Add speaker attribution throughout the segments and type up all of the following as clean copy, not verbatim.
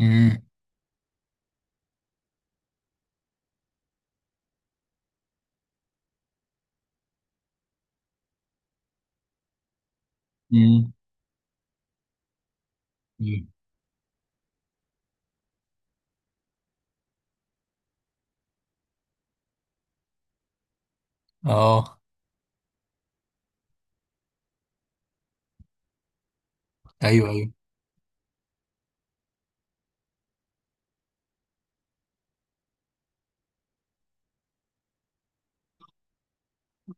Speaker 1: امم. امم. أمم. اه. ايوه ايوه.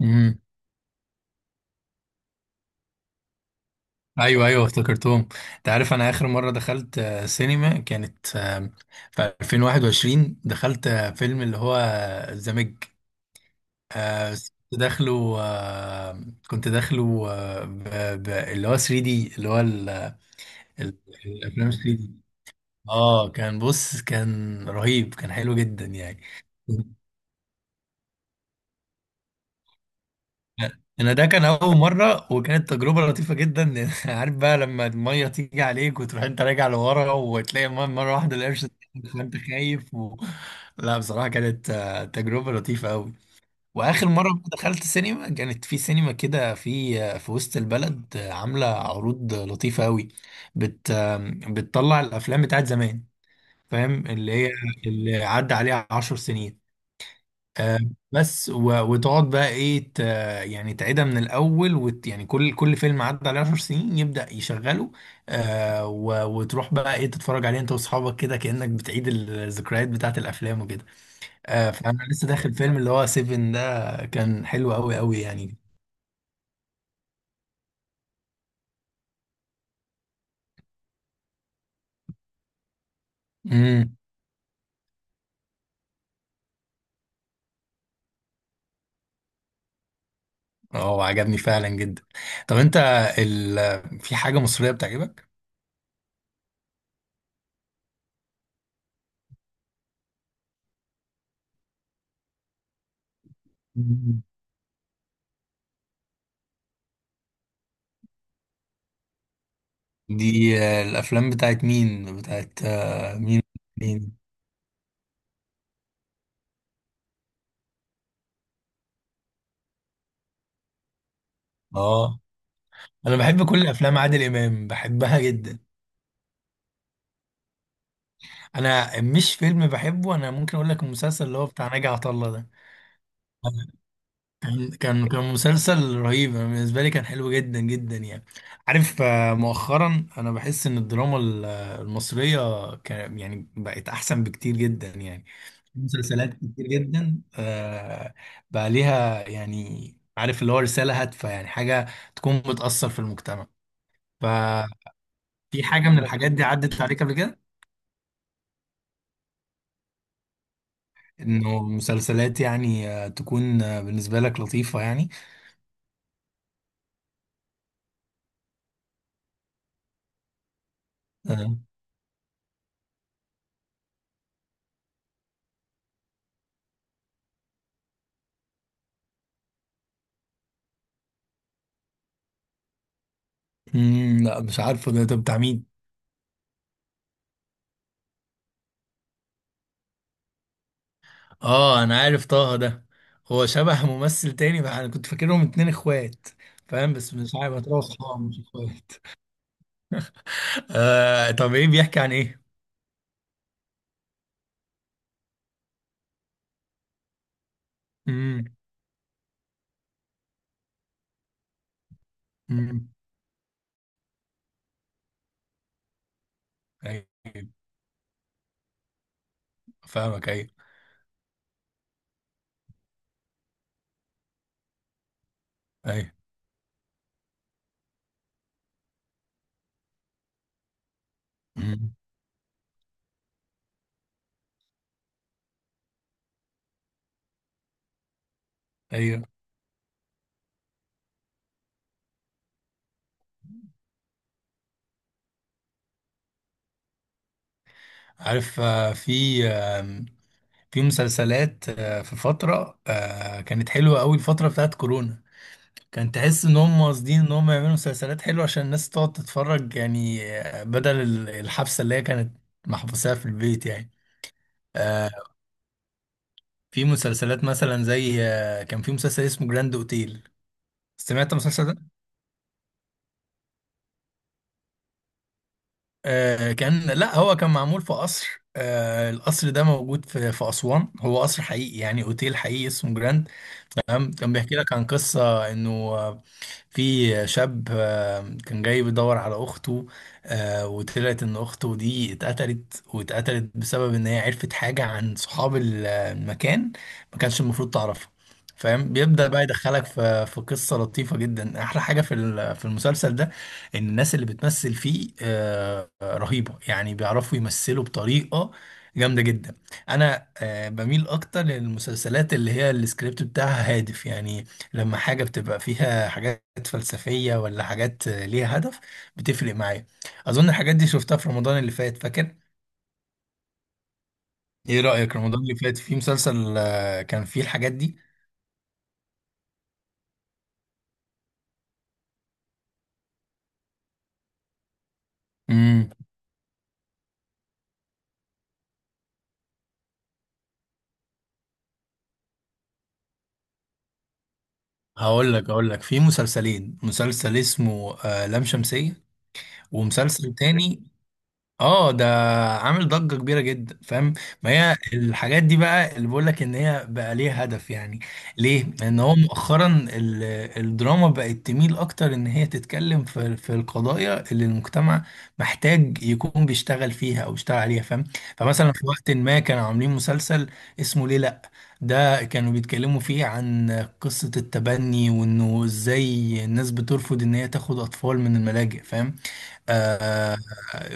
Speaker 1: امم. ايوه ايوه افتكرتهم. انت عارف انا اخر مره دخلت سينما، كانت في 2021. دخلت فيلم اللي هو الزمج. آه، كنت داخله آه، كنت داخله آه، ب- ب- اللي هو 3 دي. اللي هو ال- الافلام 3 دي. اه، كان بص، كان رهيب، كان حلو جدا يعني. انا ده كان اول مره، وكانت تجربه لطيفه جدا. عارف بقى لما الميه تيجي عليك وتروح، انت راجع لورا وتلاقي الميه مره واحده، القرش طلعك فانت خايف. لا، بصراحه كانت تجربه لطيفه قوي. واخر مره دخلت سينما، كانت في سينما كده، في وسط البلد، عامله عروض لطيفه قوي. بت آه، بتطلع الافلام بتاعت زمان، فاهم اللي هي، اللي عدى عليها 10 سنين. آه، بس وتقعد بقى ايه يعني تعيدها من الاول، يعني كل فيلم عدى عليه 10 سنين يبدأ يشغله. وتروح بقى ايه تتفرج عليه انت واصحابك كده، كأنك بتعيد الذكريات بتاعت الافلام وكده. فانا لسه داخل فيلم اللي هو سيفن ده. كان حلو قوي قوي يعني. امم. اه، عجبني فعلا جدا. طب انت، ال في حاجة مصرية بتعجبك؟ مم. دي الافلام بتاعت مين، بتاعت مين؟ مين؟ اه، انا بحب كل افلام عادل امام، بحبها جدا. انا مش فيلم بحبه، انا ممكن اقول لك المسلسل اللي هو بتاع ناجي عطا الله ده. كان مسلسل رهيب. أنا بالنسبه لي كان حلو جدا جدا يعني. عارف، مؤخرا انا بحس ان الدراما المصريه كان يعني بقت احسن بكتير جدا يعني. مسلسلات كتير جدا بقى ليها، يعني عارف اللي هو رساله هادفه، يعني حاجه تكون بتاثر في المجتمع. ففي حاجه من الحاجات دي عدت عليك قبل كده؟ انه مسلسلات يعني تكون بالنسبة لك لطيفة يعني. آه، مم، لا، مش عارفه. ده بتاع مين؟ اه، انا عارف طه ده. هو شبه ممثل تاني بقى، انا كنت فاكرهم اتنين اخوات، فاهم. بس مش عارف هتلاقوا صحاب مش اخوات. طب ايه بيحكي عن ايه؟ امم. امم. ايوه. فاهمك، ايوه. ايوه. مم. ايوه. عارف، آم، في مسلسلات في فترة كانت حلوة قوي، الفترة بتاعت كورونا. كان تحس ان هم قاصدين ان هم يعملوا مسلسلات حلوه عشان الناس تقعد تتفرج يعني، بدل الحبسه اللي هي كانت محبوساها في البيت يعني. آه، في مسلسلات مثلا زي كان في مسلسل اسمه جراند اوتيل، سمعت المسلسل ده؟ كان، لا هو كان معمول في قصر، القصر ده موجود في اسوان، هو قصر حقيقي يعني، اوتيل حقيقي اسمه جراند. تمام. كان بيحكي لك عن قصه انه في شاب كان جاي بيدور على اخته. وطلعت ان اخته دي اتقتلت، واتقتلت بسبب ان هي عرفت حاجة عن صحاب المكان ما كانش المفروض تعرفها، فاهم. بيبدأ بقى يدخلك في قصة لطيفة جدا. احلى حاجة في المسلسل ده ان الناس اللي بتمثل فيه رهيبة يعني، بيعرفوا يمثلوا بطريقة جامدة جدا. انا بميل اكتر للمسلسلات اللي هي السكريبت بتاعها هادف يعني. لما حاجة بتبقى فيها حاجات حاجات فلسفية، ولا حاجات ليها هدف، بتفرق معايا. أظن الحاجات دي شفتها في رمضان اللي فات، فاكر؟ إيه رأيك رمضان اللي فات، في مسلسل كان فيه الحاجات دي؟ امم. هقول لك في مسلسلين. مسلسل اسمه لام شمسية، ومسلسل تاني. اه ده عامل ضجة كبيرة جدا، فاهم. ما هي الحاجات دي بقى اللي بقول لك ان هي بقى ليها هدف يعني. ليه؟ لان هو مؤخرا الدراما بقت تميل اكتر ان هي تتكلم في القضايا اللي المجتمع محتاج يكون بيشتغل فيها او بيشتغل عليها، فاهم. فمثلا في وقت ما كانوا عاملين مسلسل اسمه ليه لا. ده كانوا بيتكلموا فيه عن قصة التبني، وانه ازاي الناس بترفض ان هي تاخد اطفال من الملاجئ، فاهم. آه.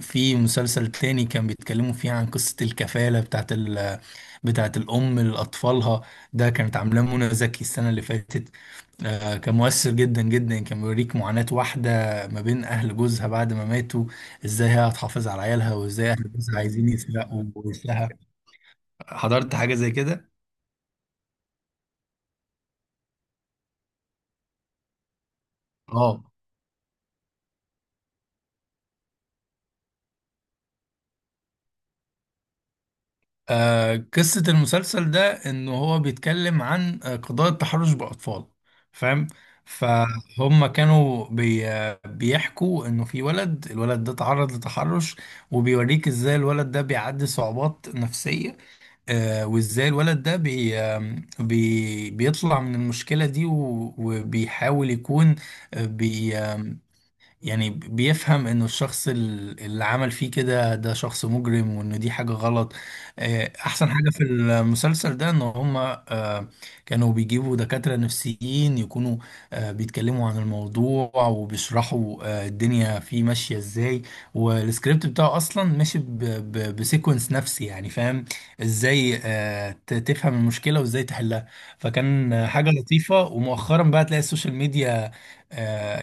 Speaker 1: في مسلسل تاني كان بيتكلموا فيه عن قصة الكفالة، بتاعت الأم لأطفالها. ده كانت عاملاه منى زكي السنة اللي فاتت. كان مؤثر جدا جدا، كان بيوريك معاناة واحدة ما بين أهل جوزها بعد ما ماتوا، إزاي هي هتحافظ على عيالها، وإزاي أهل جوزها عايزين يسرقوا جوزها. حضرت حاجة زي كده؟ اه. قصة المسلسل ده إن هو بيتكلم عن قضايا التحرش بأطفال، فاهم. فهم كانوا بي آه، بيحكوا إنه في ولد، الولد ده تعرض لتحرش، وبيوريك إزاي الولد ده بيعدي صعوبات نفسية. وإزاي الولد ده بي آه، بي بيطلع من المشكلة دي، وبيحاول يكون آه، بي آه، يعني بيفهم انه الشخص اللي عمل فيه كده ده شخص مجرم، وان دي حاجة غلط. احسن حاجة في المسلسل ده ان هما كانوا بيجيبوا دكاترة نفسيين يكونوا بيتكلموا عن الموضوع، وبيشرحوا الدنيا فيه ماشية ازاي. والسكريبت بتاعه اصلا ماشي بسيكونس نفسي يعني، فاهم. ازاي تفهم المشكلة، وازاي تحلها. فكان حاجة لطيفة. ومؤخرا بقى تلاقي السوشيال ميديا آه،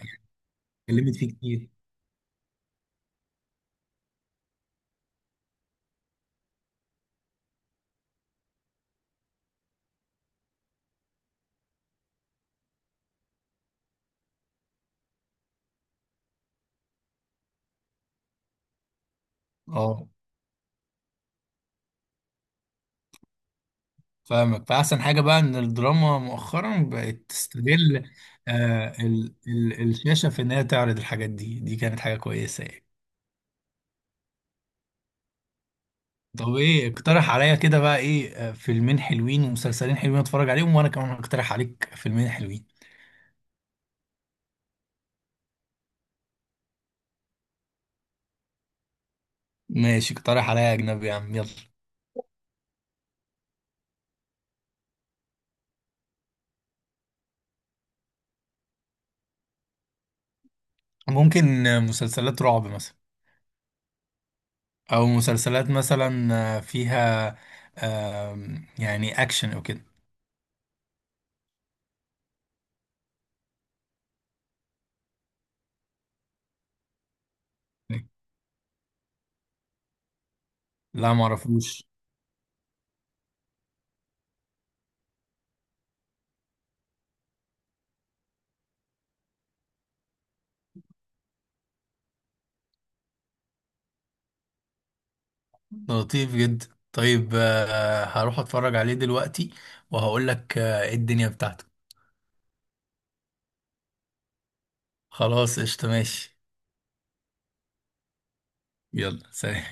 Speaker 1: اتكلمت فيه كتير. اه، فاهمك. فأحسن حاجة بقى إن الدراما مؤخرا بقت تستغل ال الشاشة في إنها تعرض الحاجات دي. دي كانت حاجة كويسة يعني. طب إيه، اقترح عليا كده بقى إيه، فيلمين حلوين ومسلسلين حلوين أتفرج عليهم، وأنا كمان هقترح عليك فيلمين حلوين. ماشي، اقترح عليا أجنبي يا عم، يلا. ممكن مسلسلات رعب مثلا، أو مسلسلات مثلا فيها آه يعني أكشن أو كده. لا، معرفوش. لطيف جدا. طيب، هروح اتفرج عليه دلوقتي، وهقول لك ايه الدنيا بتاعته. خلاص، قشطة، ماشي. يلا، سلام.